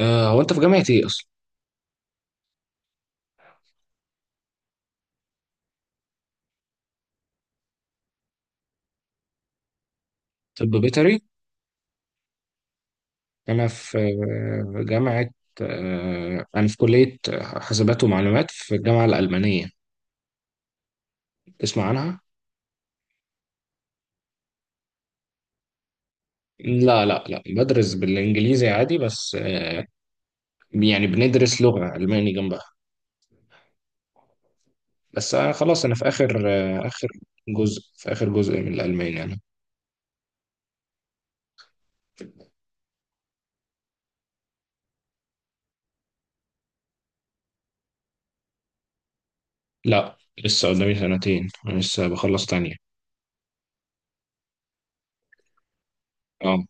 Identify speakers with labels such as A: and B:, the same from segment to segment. A: هو انت في جامعة ايه اصلا؟ طب بيطري؟ انا في آه، جامعة آه، انا في كلية حاسبات ومعلومات في الجامعة الألمانية. تسمع عنها؟ لا، لا، لا، بدرس بالانجليزي عادي. بس يعني بندرس لغة ألماني جنبها. بس خلاص انا في اخر آه، اخر جزء في اخر جزء من الألماني انا. لا، لسه قدامي سنتين، انا لسه بخلص تانية. اه،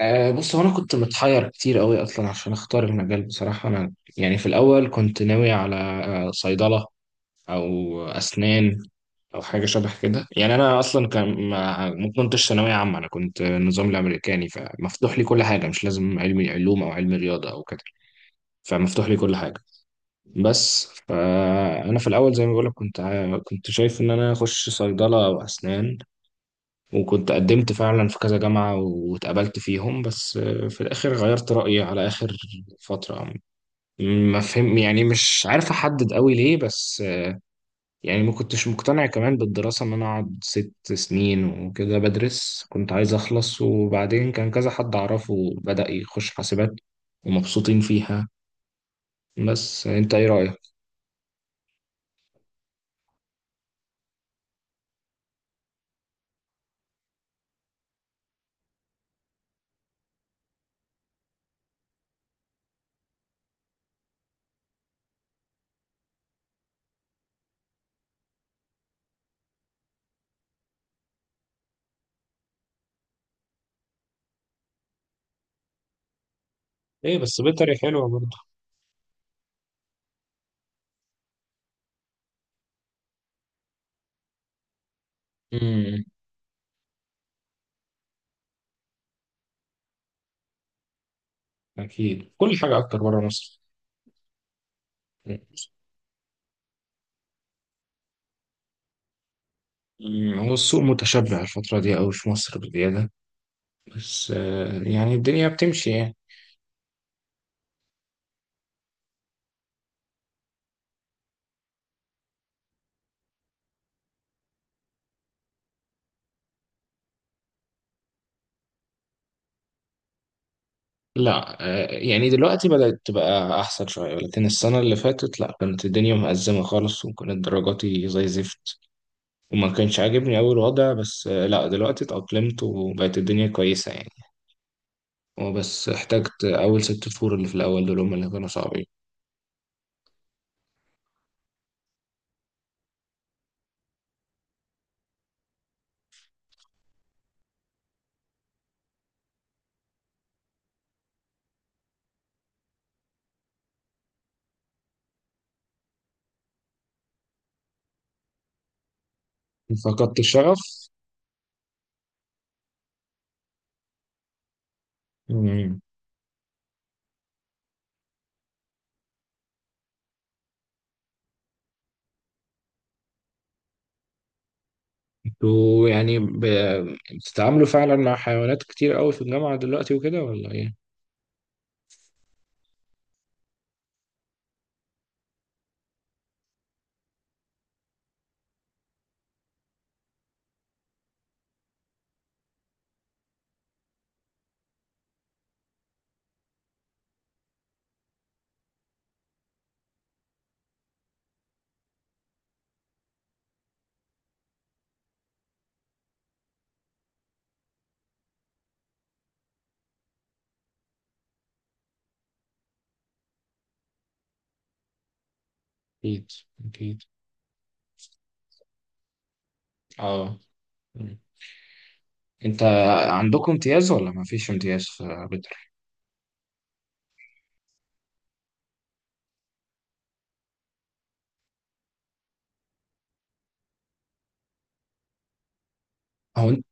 A: أه، بص، هو انا كنت متحير كتير قوي اصلا عشان اختار المجال بصراحه. انا يعني في الاول كنت ناوي على صيدله، او اسنان، او حاجه شبه كده. يعني انا اصلا كان ما كنتش ثانويه عامه، انا كنت النظام الامريكاني، فمفتوح لي كل حاجه، مش لازم علمي علوم او علمي رياضه او كده. فمفتوح لي كل حاجه. بس فانا في الاول زي ما بقولك كنت شايف ان انا اخش صيدله او اسنان، وكنت قدمت فعلا في كذا جامعة واتقبلت فيهم. بس في الآخر غيرت رأيي على آخر فترة. ما فهم يعني مش عارف أحدد قوي ليه، بس يعني ما كنتش مقتنع كمان بالدراسة إن أنا أقعد 6 سنين وكده بدرس. كنت عايز أخلص، وبعدين كان كذا حد أعرفه بدأ يخش حاسبات ومبسوطين فيها. بس أنت إيه رأيك؟ إيه، بس بيطري حلوة برضه. امم. أكيد، كل حاجة أكتر بره مصر. هو السوق متشبع الفترة دي أوي في مصر بزيادة، بس يعني الدنيا بتمشي يعني. لا، يعني دلوقتي بدأت تبقى أحسن شوية، لكن السنة اللي فاتت لا، كانت الدنيا مأزمة خالص، وكانت درجاتي زي زفت، وما كانش عاجبني أول وضع، بس لا، دلوقتي اتأقلمت وبقت الدنيا كويسة يعني. هو بس احتجت أول 6 شهور، اللي في الأول دول هم اللي كانوا صعبين. فقدت الشغف. مم. انتوا يعني بتتعاملوا فعلا مع حيوانات كتير أوي في الجامعة دلوقتي وكده، ولا إيه؟ أكيد. أكيد. أه. مم. أنت عندكم امتياز ولا ما فيش امتياز في بيطري؟ هو أنت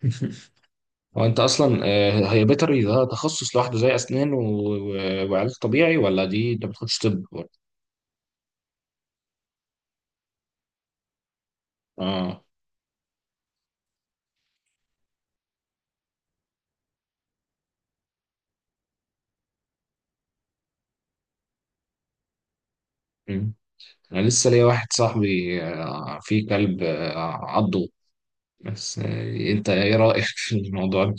A: هو أنت أصلا هي بيطري ده تخصص لوحده زي أسنان وعلاج طبيعي، ولا دي أنت ما بتاخدش طب؟ أه. مم. أنا لسه ليا واحد صاحبي فيه كلب عضه، بس أنت إيه رأيك في الموضوع ده؟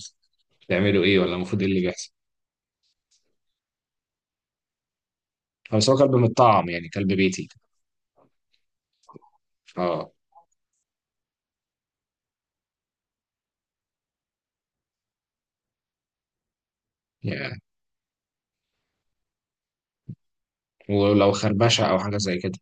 A: بتعملوا إيه، ولا المفروض إيه اللي بيحصل؟ بس هو كلب متطعم، يعني كلب بيتي. أه. يعني ولو خربشة أو حاجة زي كده.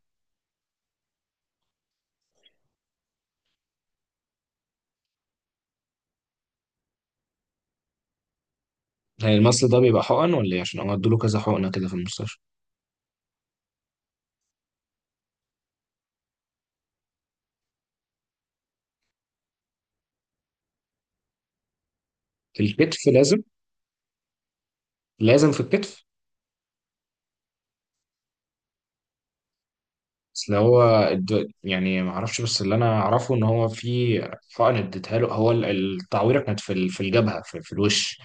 A: يعني المصل ده بيبقى حقن ولا ايه؟ عشان هو ادوله كذا حقنه كده في المستشفى. الكتف لازم؟ لازم في الكتف. بس اللي هو يعني ما اعرفش، بس اللي انا اعرفه ان هو في حقن اديتها له، هو التعويره كانت في الجبهه، في الوش،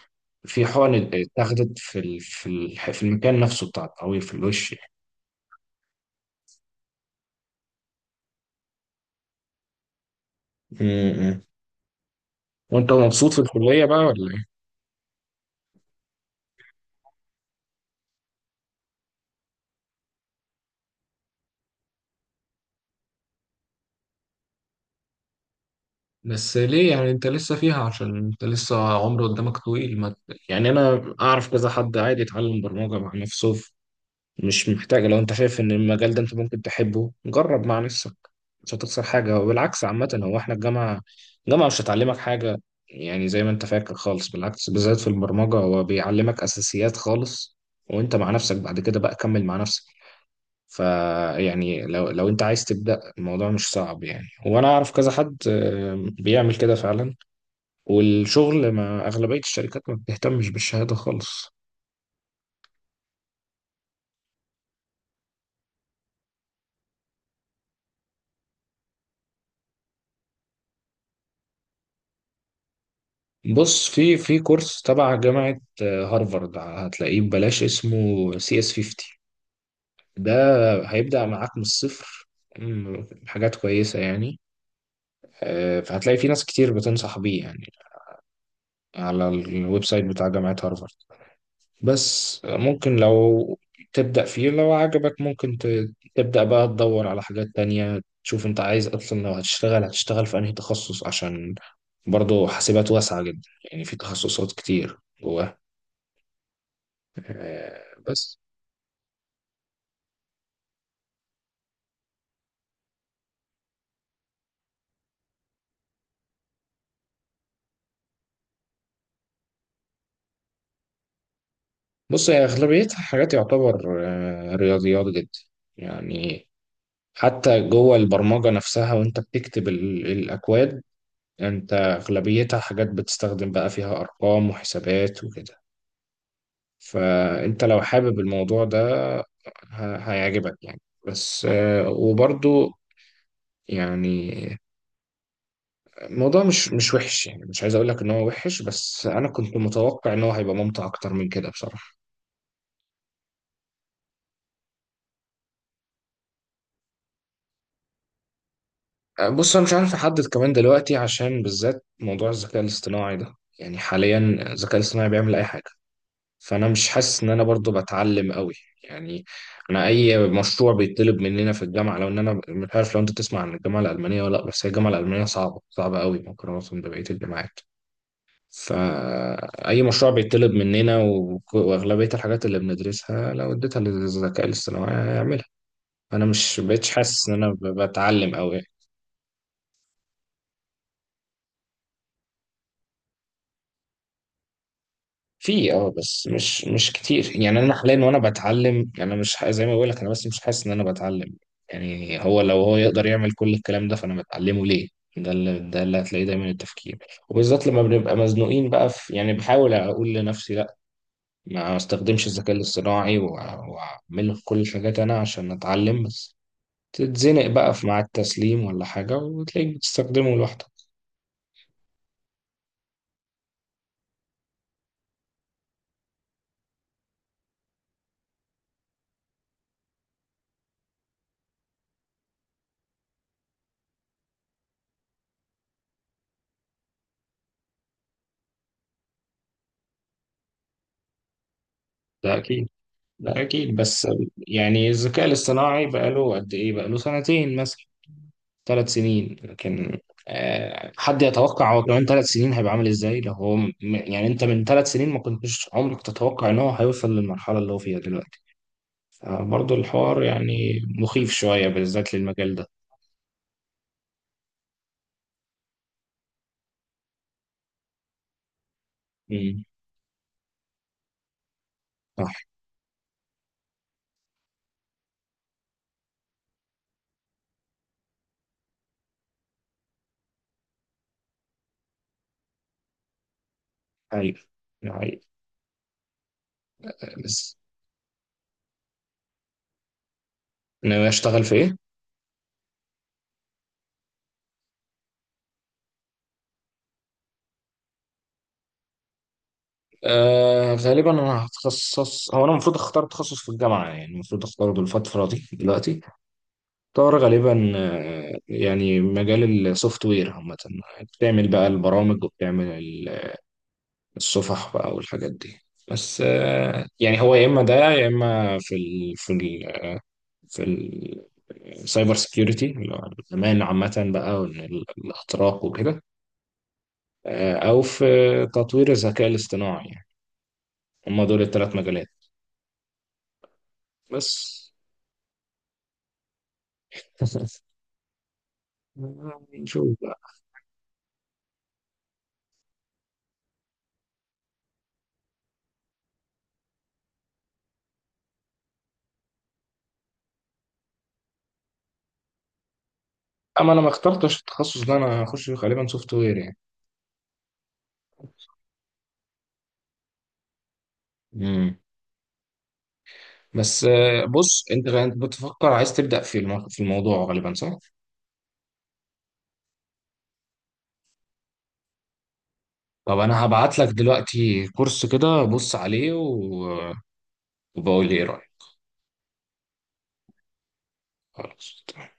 A: في حقن اتاخدت في المكان نفسه بتاع التعوير في الوش يعني. م- م. وانت مبسوط في الكليه بقى، ولا ايه؟ بس ليه يعني انت لسه فيها؟ عشان انت لسه عمر قدامك طويل، ما يعني انا اعرف كذا حد عادي اتعلم برمجه مع نفسه. مش محتاج، لو انت شايف ان المجال ده انت ممكن تحبه، جرب مع نفسك. مش هتخسر حاجة، وبالعكس. عامة هو احنا الجامعة مش هتعلمك حاجة يعني، زي ما انت فاكر خالص بالعكس. بالذات في البرمجة هو بيعلمك اساسيات خالص، وانت مع نفسك بعد كده بقى كمل مع نفسك. فيعني لو انت عايز تبدأ، الموضوع مش صعب يعني. وانا اعرف كذا حد بيعمل كده فعلا. والشغل ما اغلبية الشركات ما بتهتمش بالشهادة خالص. بص في كورس تبع جامعة هارفارد، هتلاقيه ببلاش، اسمه CS50. ده هيبدأ معاك من الصفر. حاجات كويسة يعني. فهتلاقي في ناس كتير بتنصح بيه يعني، على الويب سايت بتاع جامعة هارفارد. بس ممكن لو تبدأ فيه، لو عجبك ممكن تبدأ بقى تدور على حاجات تانية، تشوف انت عايز اصلا لو هتشتغل، هتشتغل في انهي تخصص، عشان برضه حاسبات واسعة جدا، يعني في تخصصات كتير. بس بص هي أغلبيتها حاجات يعتبر رياضيات جدا يعني. حتى جوه البرمجة نفسها وأنت بتكتب الأكواد، أنت أغلبيتها حاجات بتستخدم بقى فيها أرقام وحسابات وكده. فأنت لو حابب الموضوع ده هيعجبك يعني. بس وبرضو يعني الموضوع مش وحش، يعني مش عايز أقول لك إن هو وحش، بس أنا كنت متوقع إن هو هيبقى ممتع أكتر من كده بصراحة. بص انا مش عارف احدد كمان دلوقتي، عشان بالذات موضوع الذكاء الاصطناعي ده يعني حاليا الذكاء الاصطناعي بيعمل اي حاجه. فانا مش حاسس ان انا برضو بتعلم قوي يعني. انا اي مشروع بيطلب مننا في الجامعه، لو ان انا مش عارف، لو انت تسمع عن الجامعه الالمانيه ولا لا، بس هي الجامعه الالمانيه صعبه صعبه قوي مقارنه ببقيه الجامعات. فاي مشروع بيطلب مننا، واغلبيه الحاجات اللي بندرسها لو اديتها للذكاء الاصطناعي هيعملها. انا مش بقتش حاسس ان انا بتعلم قوي. في اه، بس مش كتير يعني. انا حاليا وانا بتعلم، يعني انا مش زي ما بقول لك انا، بس مش حاسس ان انا بتعلم. يعني هو، لو هو يقدر يعمل كل الكلام ده، فانا بتعلمه ليه؟ ده اللي هتلاقيه دايما، التفكير. وبالذات لما بنبقى مزنوقين بقى في، يعني بحاول اقول لنفسي لا، ما استخدمش الذكاء الاصطناعي واعمل كل الحاجات انا عشان اتعلم. بس تتزنق بقى في مع التسليم ولا حاجة، وتلاقيك بتستخدمه لوحدك. ده اكيد. ده اكيد، بس يعني الذكاء الاصطناعي بقاله قد ايه؟ بقاله سنتين مثلا، 3 سنين. لكن حد يتوقع هو كمان 3 سنين هيبقى عامل ازاي؟ لو هو يعني انت من 3 سنين ما كنتش عمرك تتوقع ان هو هيوصل للمرحلة اللي هو فيها دلوقتي. فبرضه الحوار يعني مخيف شوية بالذات للمجال ده. امم. صح. حقيقي. حقيقي. بس انا اشتغل في ايه؟ غالبا انا هتخصص، هو انا المفروض اختار تخصص في الجامعة، يعني المفروض اختاره الفترة دي دلوقتي. طار غالبا يعني مجال السوفت وير عامة، بتعمل بقى البرامج وبتعمل الصفح بقى والحاجات دي. بس يعني هو يا إما ده، يا إما في السايبر سكيورتي، اللي هو الأمان عامة بقى، وإن الأطراق وكده. أو في تطوير الذكاء الاصطناعي يعني. هما دول الثلاث مجالات. بس نشوف بقى. أما أنا ما اخترتش التخصص ده. أنا هخش غالبا سوفت وير يعني. مم. بس بص انت بتفكر عايز تبدأ في في الموضوع غالبا، صح؟ طب انا هبعت لك دلوقتي كورس كده، بص عليه وبقول لي ايه رأيك. خلاص.